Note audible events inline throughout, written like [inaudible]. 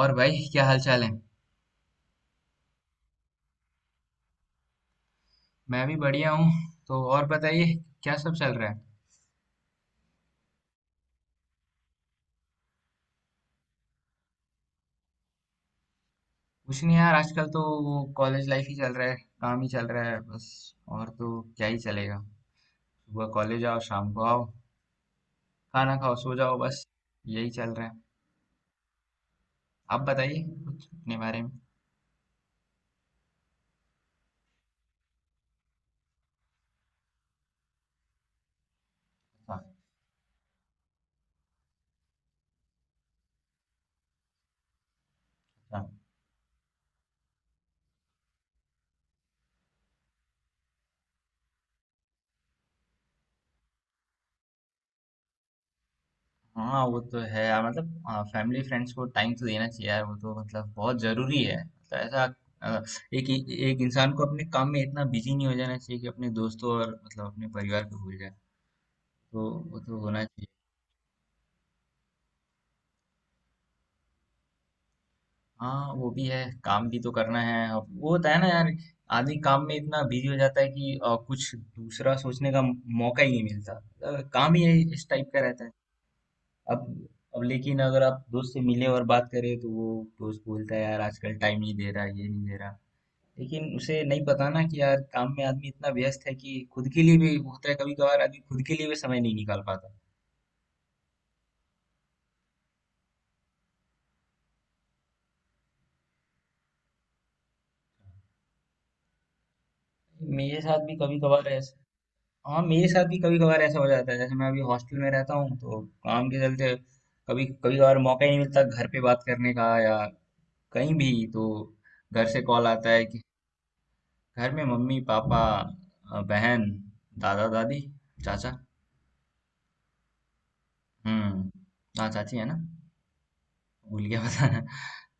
और भाई क्या हाल चाल है। मैं भी बढ़िया हूँ। तो और बताइए। क्या सब चल रहा है। कुछ नहीं यार आजकल तो वो कॉलेज लाइफ ही चल रहा है। काम ही चल रहा है बस। और तो क्या ही चलेगा। सुबह कॉलेज आओ शाम को आओ खाना खाओ सो जाओ बस। यही चल रहा है। आप बताइए कुछ अपने बारे में। हाँ, हाँ, हाँ, वो तो है यार मतलब फैमिली फ्रेंड्स को टाइम तो देना चाहिए यार वो तो मतलब बहुत जरूरी है मतलब ऐसा। अ, एक एक इंसान को अपने काम में इतना बिजी नहीं हो जाना चाहिए कि अपने दोस्तों और मतलब अपने परिवार को भूल जाए। तो वो तो होना चाहिए। हाँ वो भी है। काम भी तो करना है अब वो होता है ना यार। आदमी काम में इतना बिजी हो जाता है कि कुछ दूसरा सोचने का मौका ही नहीं मिलता। काम ही इस टाइप का रहता है। अब। अब लेकिन अगर आप दोस्त से मिले और बात करें तो वो दोस्त बोलता है यार आजकल टाइम नहीं दे रहा ये नहीं दे रहा। लेकिन उसे नहीं पता ना कि यार काम में आदमी इतना व्यस्त है कि खुद के लिए भी होता है कभी कभार आदमी खुद के लिए भी समय नहीं निकाल पाता। मेरे साथ भी कभी कभार। हाँ मेरे साथ भी कभी कभार ऐसा हो जाता है जैसे मैं अभी हॉस्टल में रहता हूँ तो काम के चलते कभी कभी कभार मौका ही नहीं मिलता घर पे बात करने का या कहीं भी तो घर से कॉल आता है कि। घर में मम्मी पापा, बहन, दादा दादी, चाचा। हम्म। हाँ चाची है ना। भूल गया बताना।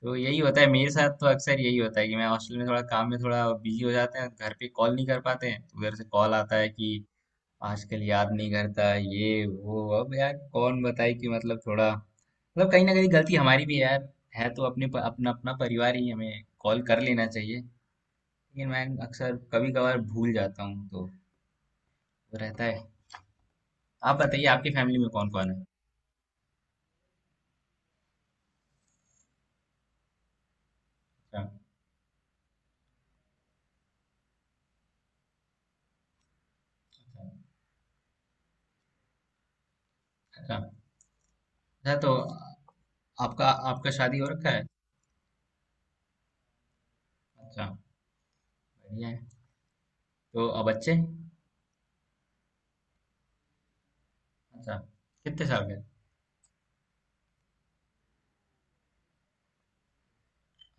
तो यही होता है मेरे साथ तो अक्सर यही होता है कि मैं हॉस्टल में थोड़ा काम में थोड़ा बिजी हो जाते हैं घर पे कॉल नहीं कर पाते हैं तो उधर से कॉल आता है कि आजकल याद नहीं करता ये वो अब यार कौन बताए कि मतलब थोड़ा मतलब कहीं ना कहीं गलती हमारी भी है यार। है तो अपने अपना अपना परिवार ही हमें कॉल कर लेना चाहिए। लेकिन मैं अक्सर कभी कभार भूल जाता हूँ तो रहता है। आप बताइए आपकी फैमिली में कौन कौन है। अच्छा, अच्छा, अच्छा, तो आपका आपका शादी हो रखा है। अच्छा। बढ़िया है। तो अब बच्चे। अच्छा। कितने साल के।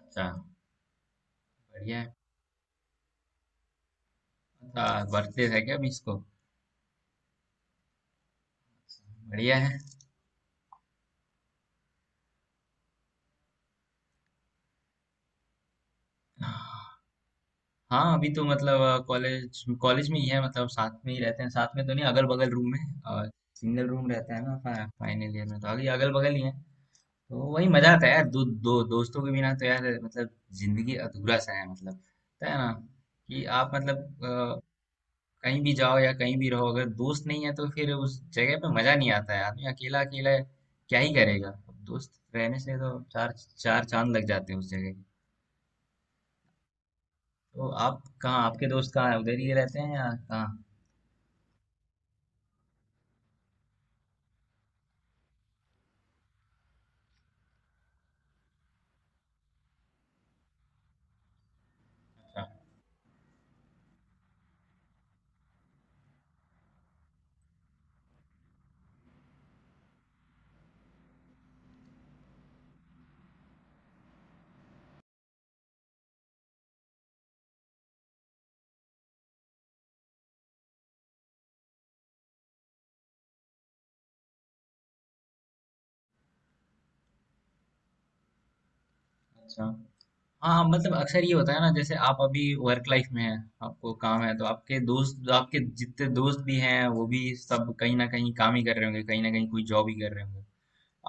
अच्छा। बढ़िया है। अच्छा बर्थडे है क्या अभी इसको। बढ़िया है। हाँ अभी तो मतलब कॉलेज कॉलेज में ही है मतलब साथ में ही रहते हैं साथ में तो नहीं अगल बगल रूम है। और सिंगल रूम रहता है ना फाइनल ईयर में तो अभी अगल बगल ही है। तो वही मजा आता है यार दो दो दोस्तों के बिना तो यार मतलब जिंदगी अधूरा सा है मतलब होता है ना कि आप मतलब कहीं भी जाओ या कहीं भी रहो अगर दोस्त नहीं है तो फिर उस जगह पे मजा नहीं आता है आदमी अकेला अकेला है, क्या ही करेगा। दोस्त रहने से तो चार चार चांद लग जाते हैं उस जगह के। तो आप कहाँ आपके दोस्त कहाँ है उधर ही रहते हैं या कहाँ। अच्छा हाँ। हाँ, मतलब अक्सर ये होता है ना जैसे आप अभी वर्क लाइफ में हैं। आपको काम है तो आपके दोस्त आपके जितने दोस्त भी हैं वो भी सब कहीं ना कहीं काम ही कर रहे होंगे कहीं ना कहीं कोई जॉब ही कर रहे होंगे।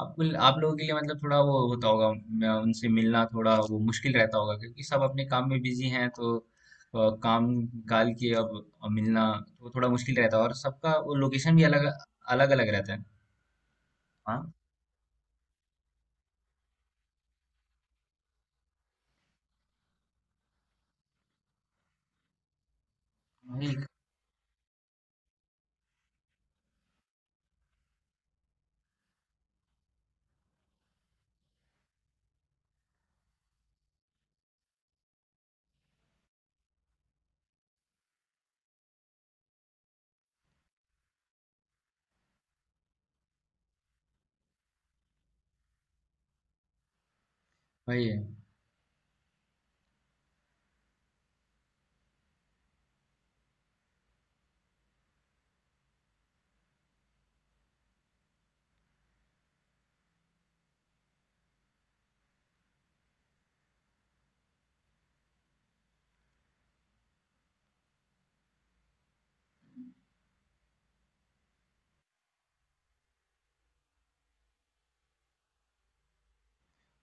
आपको आप लोगों के लिए मतलब थोड़ा वो होता होगा उनसे मिलना थोड़ा वो मुश्किल रहता होगा क्योंकि सब अपने काम में बिजी हैं तो काम काल के अब मिलना तो थोड़ा मुश्किल रहता है और सबका वो लोकेशन भी अलग अलग अलग रहता है। हाँ वही वही है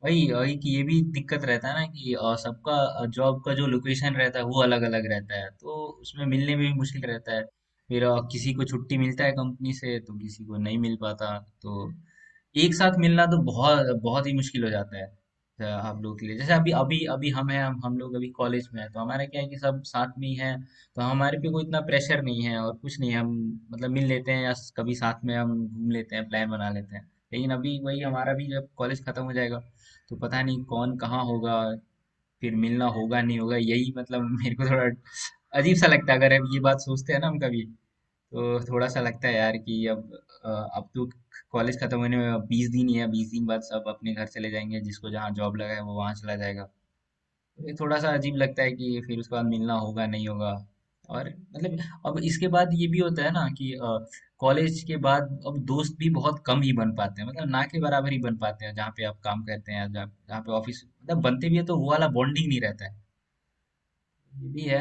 वही वही कि ये भी दिक्कत रहता है ना कि सबका जॉब का जो लोकेशन रहता है वो अलग अलग रहता है तो उसमें मिलने में भी मुश्किल रहता है। फिर किसी को छुट्टी मिलता है कंपनी से तो किसी को नहीं मिल पाता तो एक साथ मिलना तो बहुत बहुत ही मुश्किल हो जाता है। आप लोग के लिए जैसे अभी अभी अभी हम हैं, हम लोग अभी कॉलेज में हैं तो हमारा क्या है कि सब साथ में ही हैं। तो हमारे पे कोई इतना प्रेशर नहीं है और कुछ नहीं है, हम मतलब मिल लेते हैं या कभी साथ में हम घूम लेते हैं प्लान बना लेते हैं लेकिन अभी वही हमारा भी जब कॉलेज खत्म हो जाएगा तो पता नहीं कौन कहाँ होगा। फिर मिलना होगा नहीं होगा यही मतलब [laughs] मेरे को थोड़ा अजीब सा लगता है अगर अब ये बात सोचते हैं ना हम कभी। तो थोड़ा सा लगता है यार कि अब अब तो कॉलेज खत्म होने में 20 दिन ही है 20 दिन बाद सब अपने घर चले जाएंगे जिसको जहाँ जॉब लगा है वो वहाँ चला जाएगा। ये थोड़ा सा अजीब लगता है कि फिर उसके बाद मिलना होगा नहीं होगा। और मतलब अब इसके बाद ये भी होता है ना कि कॉलेज के बाद अब दोस्त भी बहुत कम ही बन पाते हैं मतलब ना के बराबर ही बन पाते हैं जहाँ पे आप काम करते हैं जहाँ जहाँ पे ऑफिस मतलब बनते भी है तो वो वाला बॉन्डिंग नहीं रहता है। ये भी है।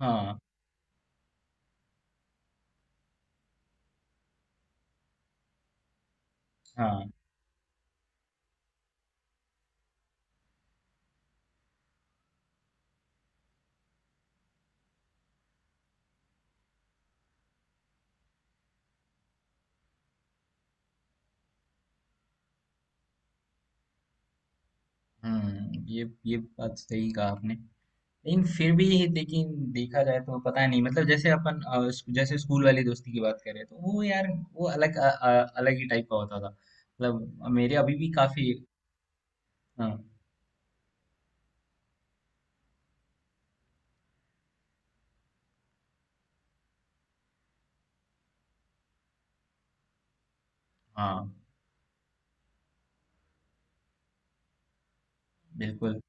हाँ, हाँ, ये बात सही कहा आपने। लेकिन फिर भी लेकिन देखा जाए तो पता नहीं मतलब जैसे अपन जैसे स्कूल वाली दोस्ती की बात करें तो वो यार वो अलग अलग ही टाइप का होता था मतलब मेरे अभी भी काफी। हाँ, हाँ, बिल्कुल।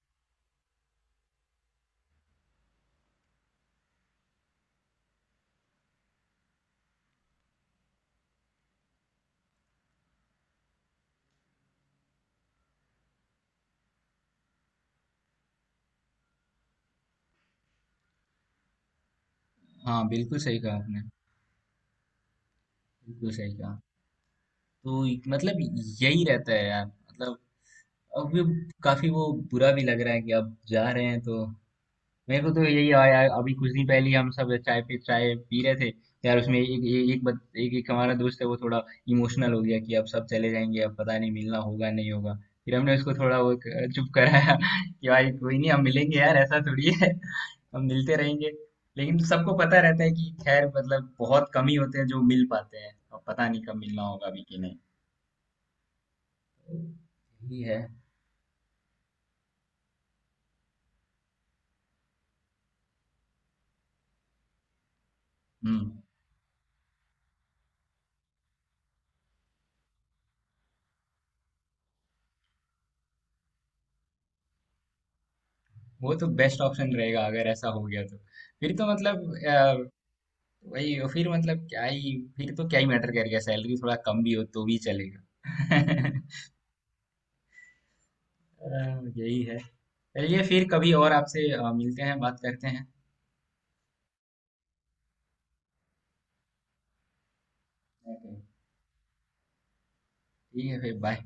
हाँ बिल्कुल सही कहा आपने। बिल्कुल सही कहा। तो मतलब यही रहता है यार मतलब अब भी काफी वो बुरा भी लग रहा है कि अब जा रहे हैं तो। मेरे को तो यही आया अभी कुछ दिन पहले ही हम सब चाय पे चाय पी रहे थे तो यार उसमें एक एक एक, बत, एक, एक हमारा दोस्त है वो थोड़ा इमोशनल हो गया कि अब सब चले जाएंगे अब पता नहीं मिलना होगा नहीं होगा। फिर हमने उसको थोड़ा वो चुप कराया [laughs] कि भाई कोई नहीं हम मिलेंगे यार ऐसा थोड़ी है। [laughs] हम मिलते रहेंगे। लेकिन सबको पता रहता है कि खैर मतलब बहुत कम ही होते हैं जो मिल पाते हैं अब पता नहीं कब मिलना होगा अभी कि नहीं। यही है। हम्म, वो तो बेस्ट ऑप्शन रहेगा अगर ऐसा हो गया तो फिर तो मतलब वही और फिर मतलब क्या ही फिर तो क्या ही मैटर करेगा सैलरी थोड़ा कम भी हो तो भी चलेगा [laughs] यही है। चलिए फिर कभी और आपसे मिलते हैं बात करते हैं। Okay। ठीक है फिर बाय।